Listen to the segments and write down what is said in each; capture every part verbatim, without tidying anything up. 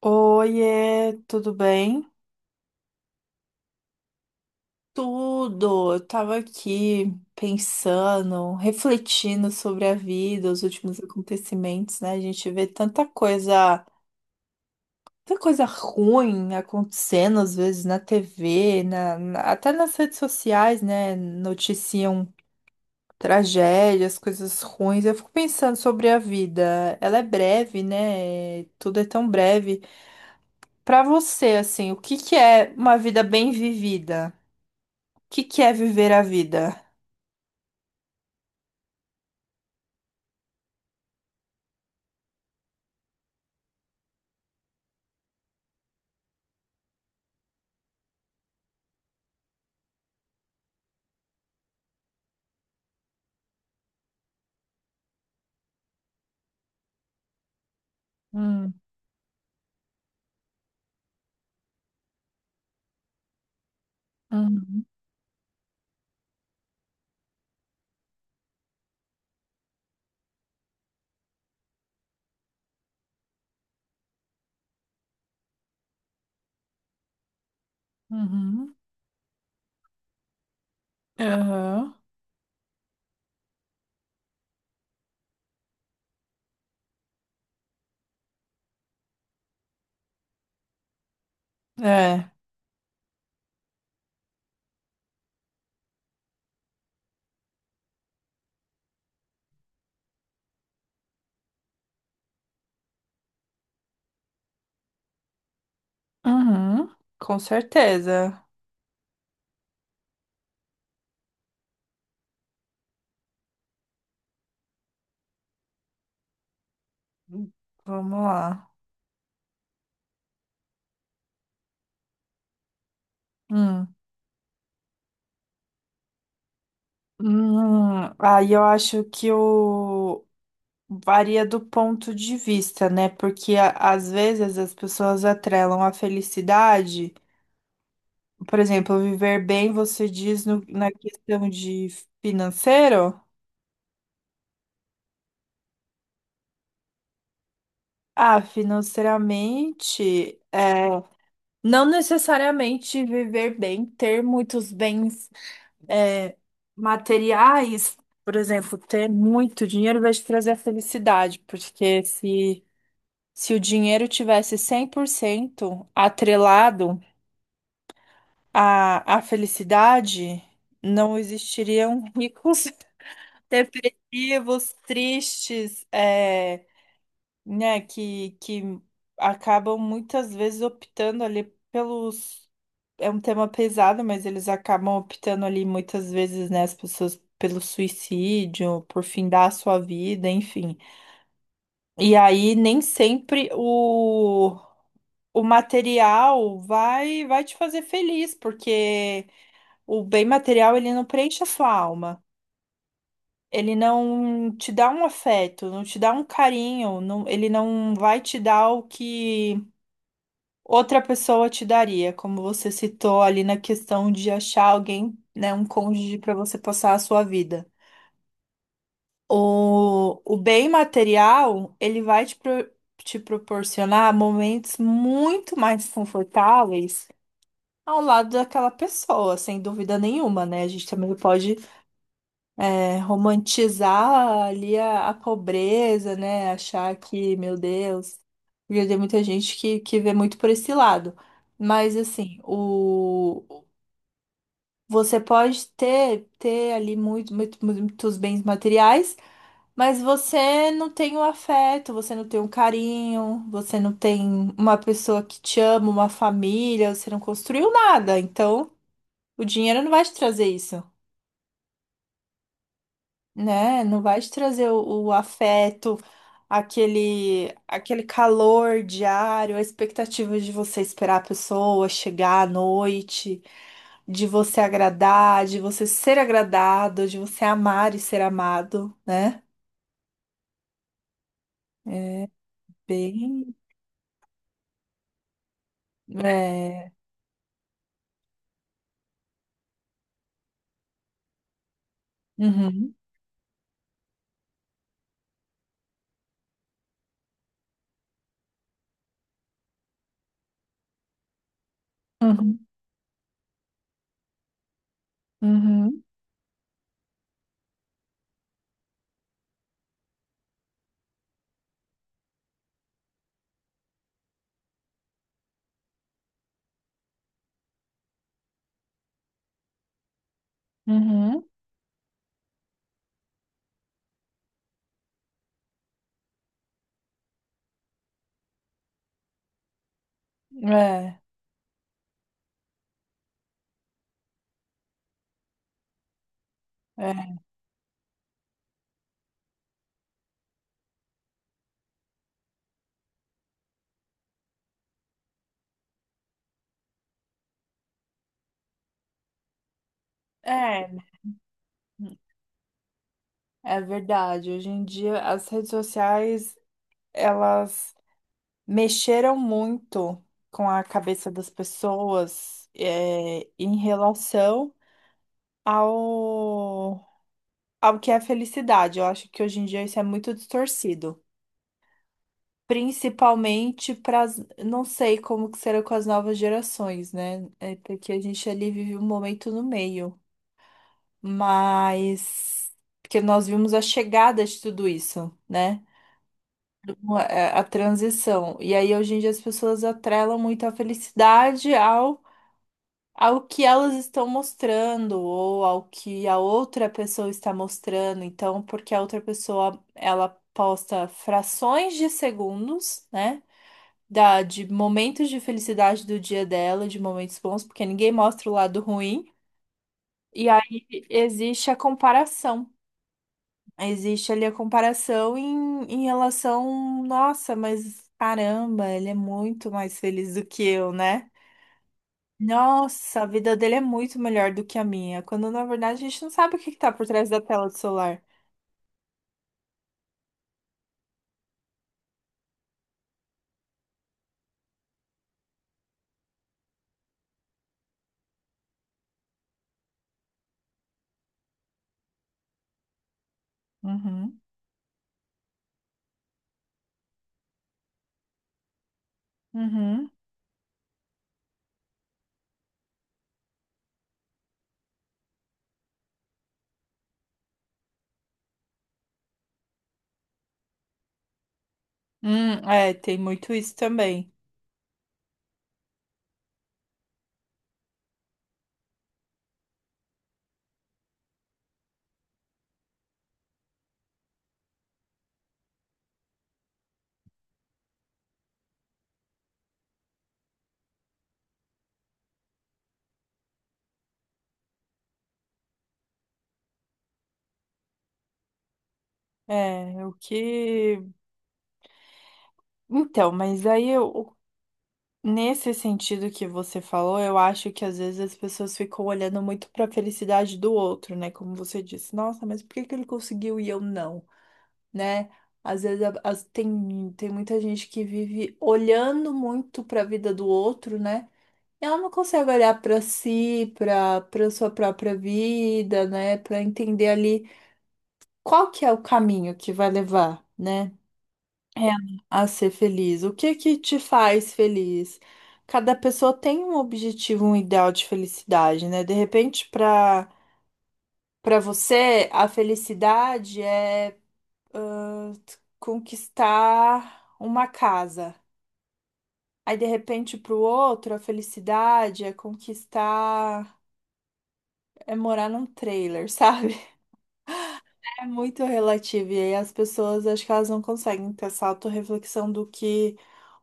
Oiê, tudo bem? Tudo. Eu tava aqui pensando, refletindo sobre a vida, os últimos acontecimentos, né? A gente vê tanta coisa, tanta coisa ruim acontecendo às vezes na T V, na, na- até nas redes sociais, né? Noticiam tragédias, coisas ruins. Eu fico pensando sobre a vida. Ela é breve, né? Tudo é tão breve. Pra você, assim, o que que é uma vida bem vivida? que que é viver a vida? Hum, uhum, uhum, aham, é, uhum, com certeza. Vamos lá. Hum. Hum, aí eu acho que o varia do ponto de vista, né? Porque a- às vezes as pessoas atrelam a felicidade, por exemplo, viver bem, você diz no- na questão de financeiro? Ah, financeiramente, é, não necessariamente viver bem, ter muitos bens, é, materiais, por exemplo, ter muito dinheiro vai te trazer a felicidade, porque se, se o dinheiro tivesse cem por cento atrelado à, à felicidade, não existiriam ricos, depressivos, tristes, é, né, que, que acabam muitas vezes optando ali pelos. É um tema pesado, mas eles acabam optando ali muitas vezes, né, as pessoas pelo suicídio, por findar a sua vida, enfim. E aí nem sempre o, o material vai vai te fazer feliz, porque o bem material ele não preenche a sua alma. Ele não te dá um afeto, não te dá um carinho, não, ele não vai te dar o que outra pessoa te daria, como você citou ali na questão de achar alguém, né, um cônjuge para você passar a sua vida. O, o bem material, ele vai te, pro- te proporcionar momentos muito mais confortáveis ao lado daquela pessoa, sem dúvida nenhuma, né? A gente também pode, é, romantizar ali a, a pobreza, né? Achar que, meu Deus, porque tem muita gente que, que vê muito por esse lado. Mas assim, o você pode ter ter ali muito, muito- muitos bens materiais, mas você não tem o afeto, você não tem o carinho, você não tem uma pessoa que te ama, uma família, você não construiu nada. Então, o dinheiro não vai te trazer isso. Né? Não vai te trazer o, o afeto, aquele, aquele calor diário, a expectativa de você esperar a pessoa chegar à noite, de você agradar, de você ser agradado, de você amar e ser amado, né? Bem, é, uhum, uhum, uhum, uhum, é, é, é, é verdade. Hoje em dia as redes sociais, elas mexeram muito com a cabeça das pessoas, é, em relação ao, ao que é felicidade. Eu acho que hoje em dia isso é muito distorcido. Principalmente para, não sei como que será com as novas gerações, né? É porque a gente ali vive um momento no meio, mas porque nós vimos a chegada de tudo isso, né? Uma- é, A transição. E aí hoje em dia as pessoas atrelam muito a felicidade ao ao que elas estão mostrando ou ao que a outra pessoa está mostrando. Então, porque a outra pessoa ela posta frações de segundos, né? Da, de momentos de felicidade do dia dela, de momentos bons, porque ninguém mostra o lado ruim. E aí existe a comparação. Existe ali a comparação em, em relação, nossa, mas caramba, ele é muito mais feliz do que eu, né? Nossa, a vida dele é muito melhor do que a minha, quando na verdade a gente não sabe o que que tá por trás da tela do celular. Uhum, uhum. Hum, é, tem muito isso também. É, o que. Então, mas aí eu. Nesse sentido que você falou, eu acho que às vezes as pessoas ficam olhando muito pra felicidade do outro, né? Como você disse, nossa, mas por que que ele conseguiu e eu não, né? Às vezes a- as- tem, tem muita gente que vive olhando muito pra vida do outro, né? Ela não consegue olhar para si, para para sua própria vida, né? Para entender ali qual que é o caminho que vai levar, né? Ela a ser feliz. O que que te faz feliz? Cada pessoa tem um objetivo, um ideal de felicidade, né? De repente, para para você, a felicidade é, ah, conquistar uma casa. Aí, de repente, para o outro, a felicidade é conquistar. É morar num trailer, sabe? É muito relativo. E aí as pessoas, acho que elas não conseguem ter essa autorreflexão do que,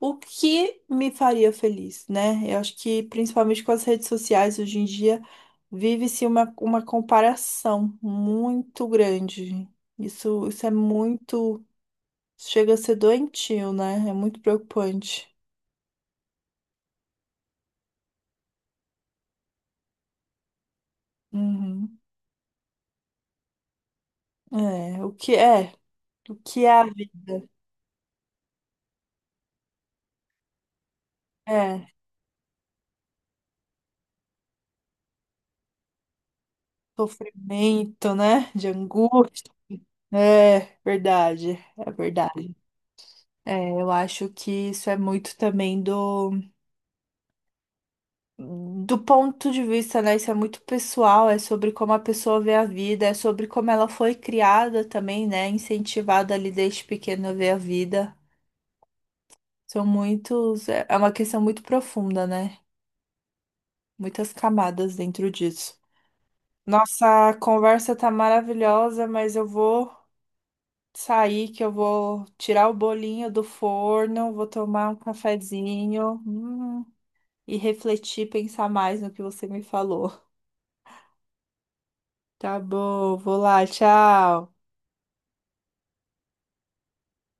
o que me faria feliz, né? Eu acho que principalmente com as redes sociais hoje em dia vive-se uma, uma comparação muito grande. Isso, isso é muito, chega a ser doentio, né? É muito preocupante. Uhum. É, o que é? O que é a vida? É. Sofrimento, né? De angústia. É verdade, é verdade. É, eu acho que isso é muito também do, do ponto de vista, né? Isso é muito pessoal, é sobre como a pessoa vê a vida, é sobre como ela foi criada também, né? Incentivada ali desde pequena a ver a vida. São muitos, é, é uma questão muito profunda, né? Muitas camadas dentro disso. Nossa, conversa tá maravilhosa, mas eu vou sair que eu vou tirar o bolinho do forno, vou tomar um cafezinho, hum, e refletir, pensar mais no que você me falou. Tá bom, vou lá, tchau.